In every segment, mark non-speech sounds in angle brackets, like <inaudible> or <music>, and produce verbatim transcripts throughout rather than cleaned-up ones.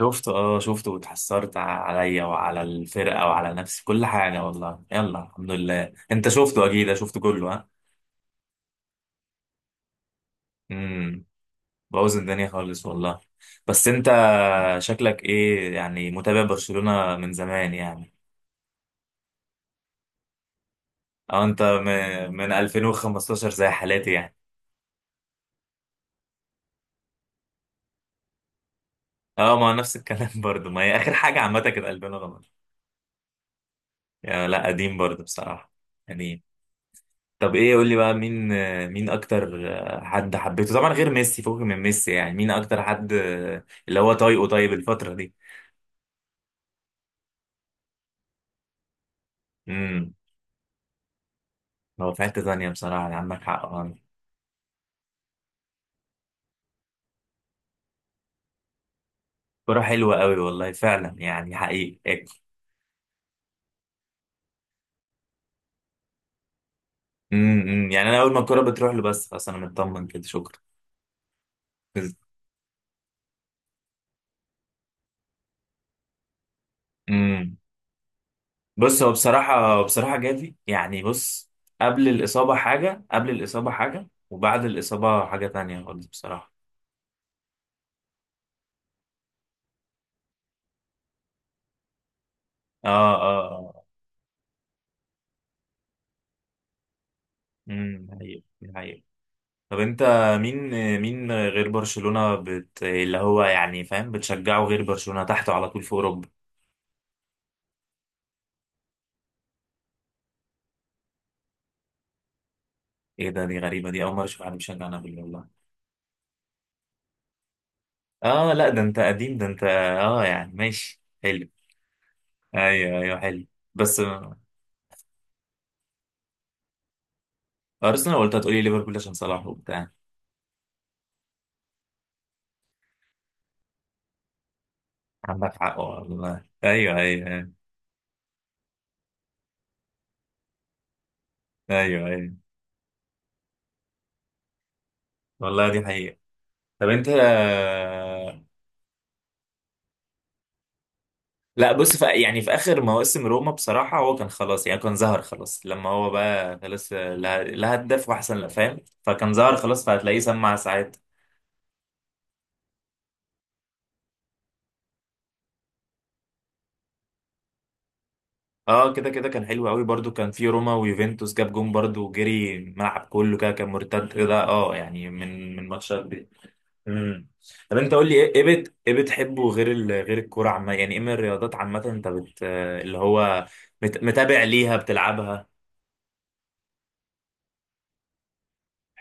شفته، اه شفته واتحسرت عليا وعلى الفرقة وعلى نفسي كل حاجة، والله. يلا، الحمد لله. انت شفته اكيد، شفته كله؟ ها؟ امم بوظ الدنيا خالص والله. بس انت، شكلك ايه يعني، متابع برشلونة من زمان يعني؟ اه انت م- من ألفين وخمستاشر زي حالاتي يعني. اه، ما هو نفس الكلام <laughs> برضو، ما هي اخر حاجة عامة كانت ألفين وخمستاشر. يا، لا قديم برضو بصراحة، قديم. طب ايه، قول لي بقى مين مين اكتر حد حبيته طبعا غير ميسي؟ فوق من ميسي يعني، مين اكتر حد اللي هو طايقه طيب الفترة دي؟ امم هو في حتة ثانية بصراحة، يعني عندك حق. آه. كرة حلوة قوي والله، فعلا يعني حقيقي. امم يعني انا اول ما الكرة بتروح له بس خلاص، انا مطمن كده، شكرا. امم بص، هو بصراحة بصراحة جافي يعني، بص. قبل الإصابة حاجة، قبل الإصابة حاجة، وبعد الإصابة حاجة تانية خالص بصراحة. اه، اه، اه. امم حقيقي، حقيقي. طب انت، مين مين غير برشلونة، بت... اللي هو يعني، فاهم، بتشجعه غير برشلونة تحته على طول في اوروبا؟ ايه ده، دي غريبة، دي اول مرة اشوف حد بيشجع نابولي والله. اه، لا ده انت قديم، ده انت، اه يعني ماشي حلو. ايوه، ايوه، حلو. بس آه، ارسنال، قلت هتقولي ليفربول عشان صلاح وبتاع. عندك حق والله، ايوه، ايوه، ايوه، ايوه، أيوة. والله دي حقيقة. طب انت، لا بص، في يعني في اخر مواسم روما بصراحه، هو كان خلاص يعني، كان ظهر خلاص لما هو بقى خلاص، لا لا هدف واحسن، لا فاهم، فكان ظهر خلاص فهتلاقيه سمع ساعات. اه كده كده، كان حلو قوي برضو، كان في روما ويوفنتوس جاب جون برضو، وجري الملعب كله كده، كان مرتد كده، اه يعني من من ماتشات دي. امم طب انت، قول لي ايه، إيه بت ايه بتحبه غير ال... غير الكوره عامه؟ يعني ايه من الرياضات عامه، انت بت اللي هو، مت... متابع ليها، بتلعبها؟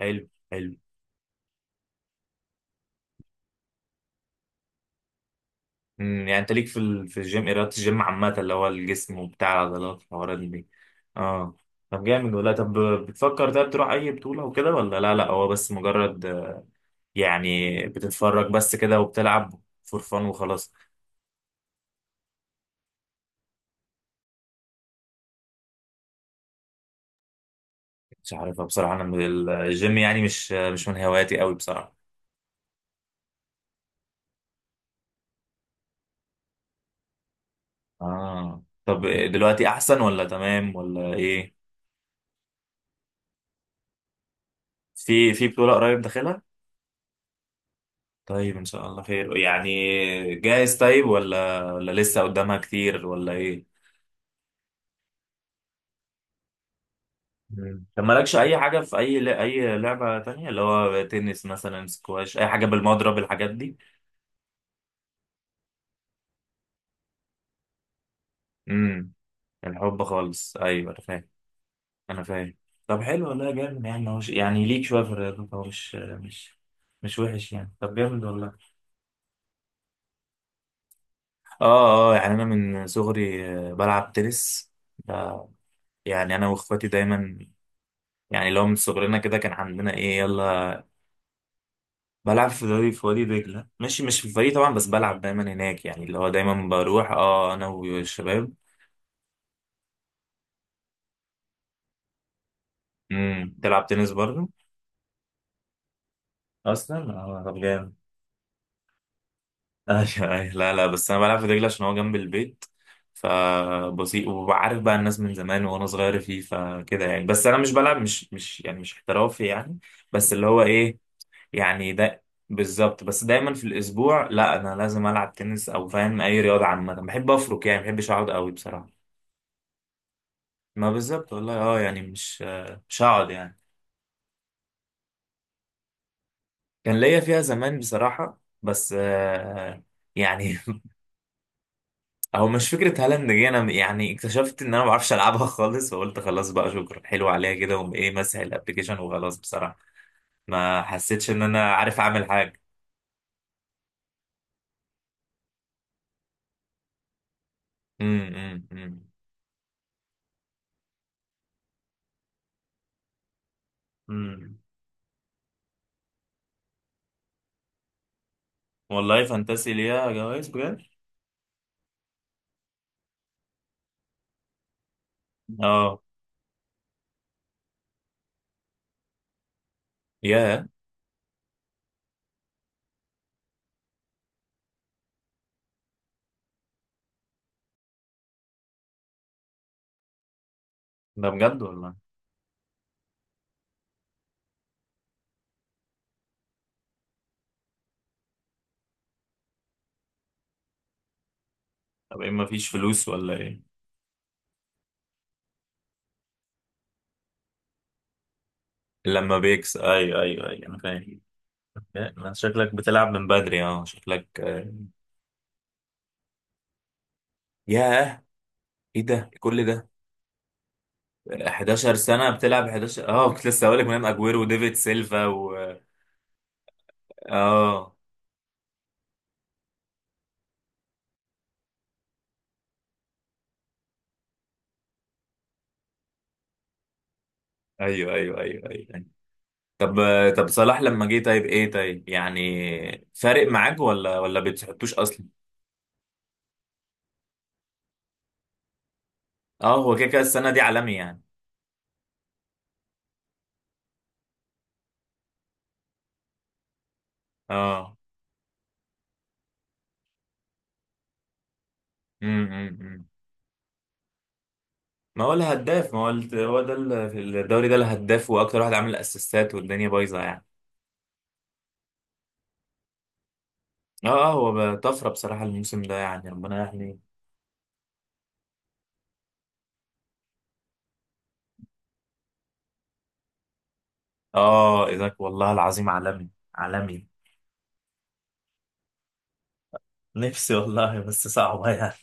حلو، حلو. امم يعني انت ليك في ال... في الجيم، ايه رياضة الجيم عامة اللي هو الجسم وبتاع العضلات والحوارات دي؟ اه، طب جامد ولا؟ طب بتفكر طب تروح اي بطولة وكده، ولا لا لا، هو بس مجرد آه، يعني بتتفرج بس كده، وبتلعب فور فان وخلاص؟ مش عارفها بصراحة، انا من ال- الجيم يعني، مش آه، مش من هواياتي قوي بصراحة. اه طب دلوقتي احسن، ولا تمام، ولا ايه؟ في في بطولة قريب داخلها؟ طيب ان شاء الله خير يعني. جاهز طيب، ولا ولا لسه قدامها كتير، ولا ايه؟ مم. طب مالكش اي حاجه في اي ل... اي لعبه تانية اللي هو تنس مثلا، سكواش، اي حاجه بالمضرب، الحاجات دي؟ امم الحب خالص، ايوه انا فاهم. انا فاهم. طب حلو والله، جامد يعني. هو ش... يعني ليك شويه في الرياضه، هو مش مش مش وحش يعني، طب جامد والله. اه، اه، يعني انا من صغري آه، بلعب تنس ده، يعني انا واخواتي دايما يعني، لو من صغرنا كده كان عندنا ايه، يلا. بلعب في دوري في وادي دجلة، ماشي، مش في الفريق طبعا بس بلعب دايما هناك يعني، اللي هو دايما بروح، اه، انا والشباب. امم تلعب تنس برضه؟ اصلا؟ اه، طب جامد. <laughs> ايوه، أيوة. لا لا، بس انا بلعب في دجلة عشان هو جنب البيت، فبسيط، وعارف بقى الناس من زمان وانا صغير فيه، فكده يعني. بس انا مش بلعب، مش مش يعني مش احترافي يعني، بس اللي هو ايه، يعني ده، بالظبط. بس دايما في الاسبوع لا، انا لازم العب تنس او، فاهم، اي رياضه عامه بحب افرك يعني، ما بحبش اقعد قوي بصراحه. ما بالظبط والله، اه يعني مش، مش هقعد يعني. كان ليا فيها زمان بصراحة، بس آه، يعني. <laughs> هو مش فكرة هالاند جه، انا يعني اكتشفت ان انا ما بعرفش العبها <laughs> خالص، وقلت خلاص بقى شكرا، حلو عليها كده، وقوم ايه، مسح الابلكيشن وخلاص بصراحة. ما حسيتش ان انا عارف اعمل حاجة. امم امم امم إمم. والله فانتسي ليها جوائز بجد. اه. ياه، ده بجد والله. طب ايه ما فيش فلوس ولا ايه؟ لما بيكس، ايوه ايوه ايوه، انا فاهم. لا، ما شكلك بتلعب من بدري، اه شكلك. آه. ياه، ايه ده كل ده! احدعشر سنة بتلعب؟ حداشر، اه كنت لسه هقول لك، مام اجويرو وديفيد سيلفا و... اه، ايوه، ايوه، ايوه، ايوه. طب آه، طب صلاح لما جه طيب، ايه طيب، يعني فارق معاك، ولا ولا بتحطوش اصلا؟ اه، هو كده كده السنة دي عالمي يعني. اه. امم أمم. ما هو الهداف، ما هو الت- هو ده ال- في الدوري ده الهداف، واكتر واحد عامل اسيستات، والدنيا بايظة يعني. اه، اه، هو بقى طفرة بصراحة الموسم ده يعني، ربنا يحميه. اه، ايزاك والله العظيم عالمي، عالمي. نفسي والله، بس صعبة يعني.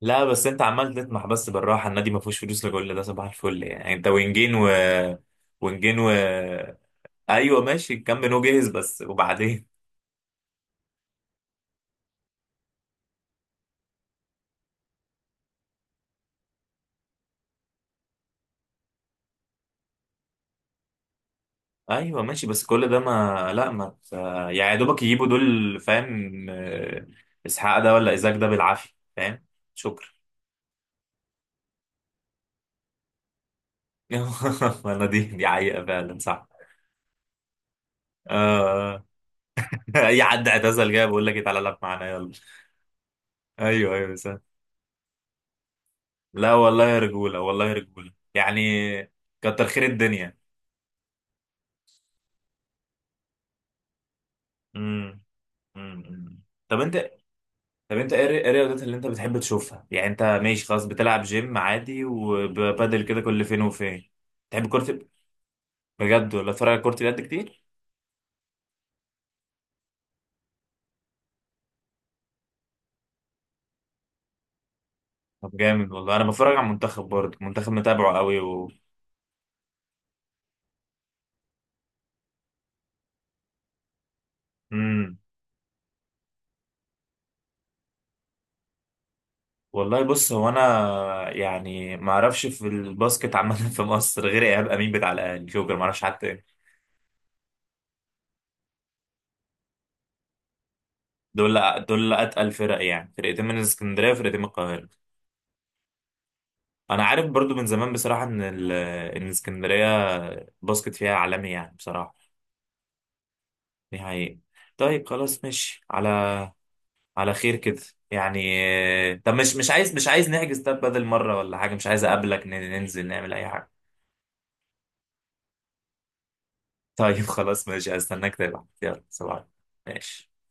لا بس انت عمال تطمح، بس بالراحة، النادي ما فيهوش فلوس لكل ده، صباح الفل يعني. انت وينجين و، وينجين و ايوه ماشي، كم نو جاهز، بس وبعدين؟ ايوه ماشي، بس كل ده، ما لا ما ت- يعني يا دوبك يجيبوا دول، فاهم؟ آه، اسحاق ده ولا ايزاك ده، بالعافية، فاهم؟ شكرا. <laughs> ما انا دي دي حقيقة فعلا، صح. آه <laughs> اي حد اعتزل جاي بقول لك إيه، تعالى العب معانا يلا. ايوه، ايوه، بس. لا والله يا رجوله، والله يا رجوله يعني، كتر خير الدنيا. امم امم امم. طب انت، طب انت، ايه إيه الرياضات اللي انت بتحب تشوفها؟ يعني انت ماشي خلاص، بتلعب جيم عادي وبادل كده كل فين وفين؟ تحب كرة ال- بجد؟ ولا تتفرج على كرة اليد كتير؟ طب جامد والله. انا بتفرج على المنتخب برضه، المنتخب متابعه قوي و... مم. والله بص، هو انا يعني ما اعرفش في الباسكت عامه <laughs> في مصر غير ايهاب امين بتاع الاهلي، جوكر، ما اعرفش حد تاني. دول، دول اتقل فرق يعني، فرقتين من اسكندريه وفرقتين من القاهره. انا عارف برضو من زمان بصراحه ان ال- ان اسكندريه الباسكت فيها عالمي يعني، بصراحه دي حقيقه. طيب خلاص، ماشي على، على خير كده يعني. آه، طب مش، مش عايز مش عايز نحجز، طب بدل مره ولا حاجه، مش عايز اقابلك، ن- ننزل نعمل اي حاجه؟ <laughs> طيب خلاص ماشي، استناك تبعت، يلا صباح الخير. ماشي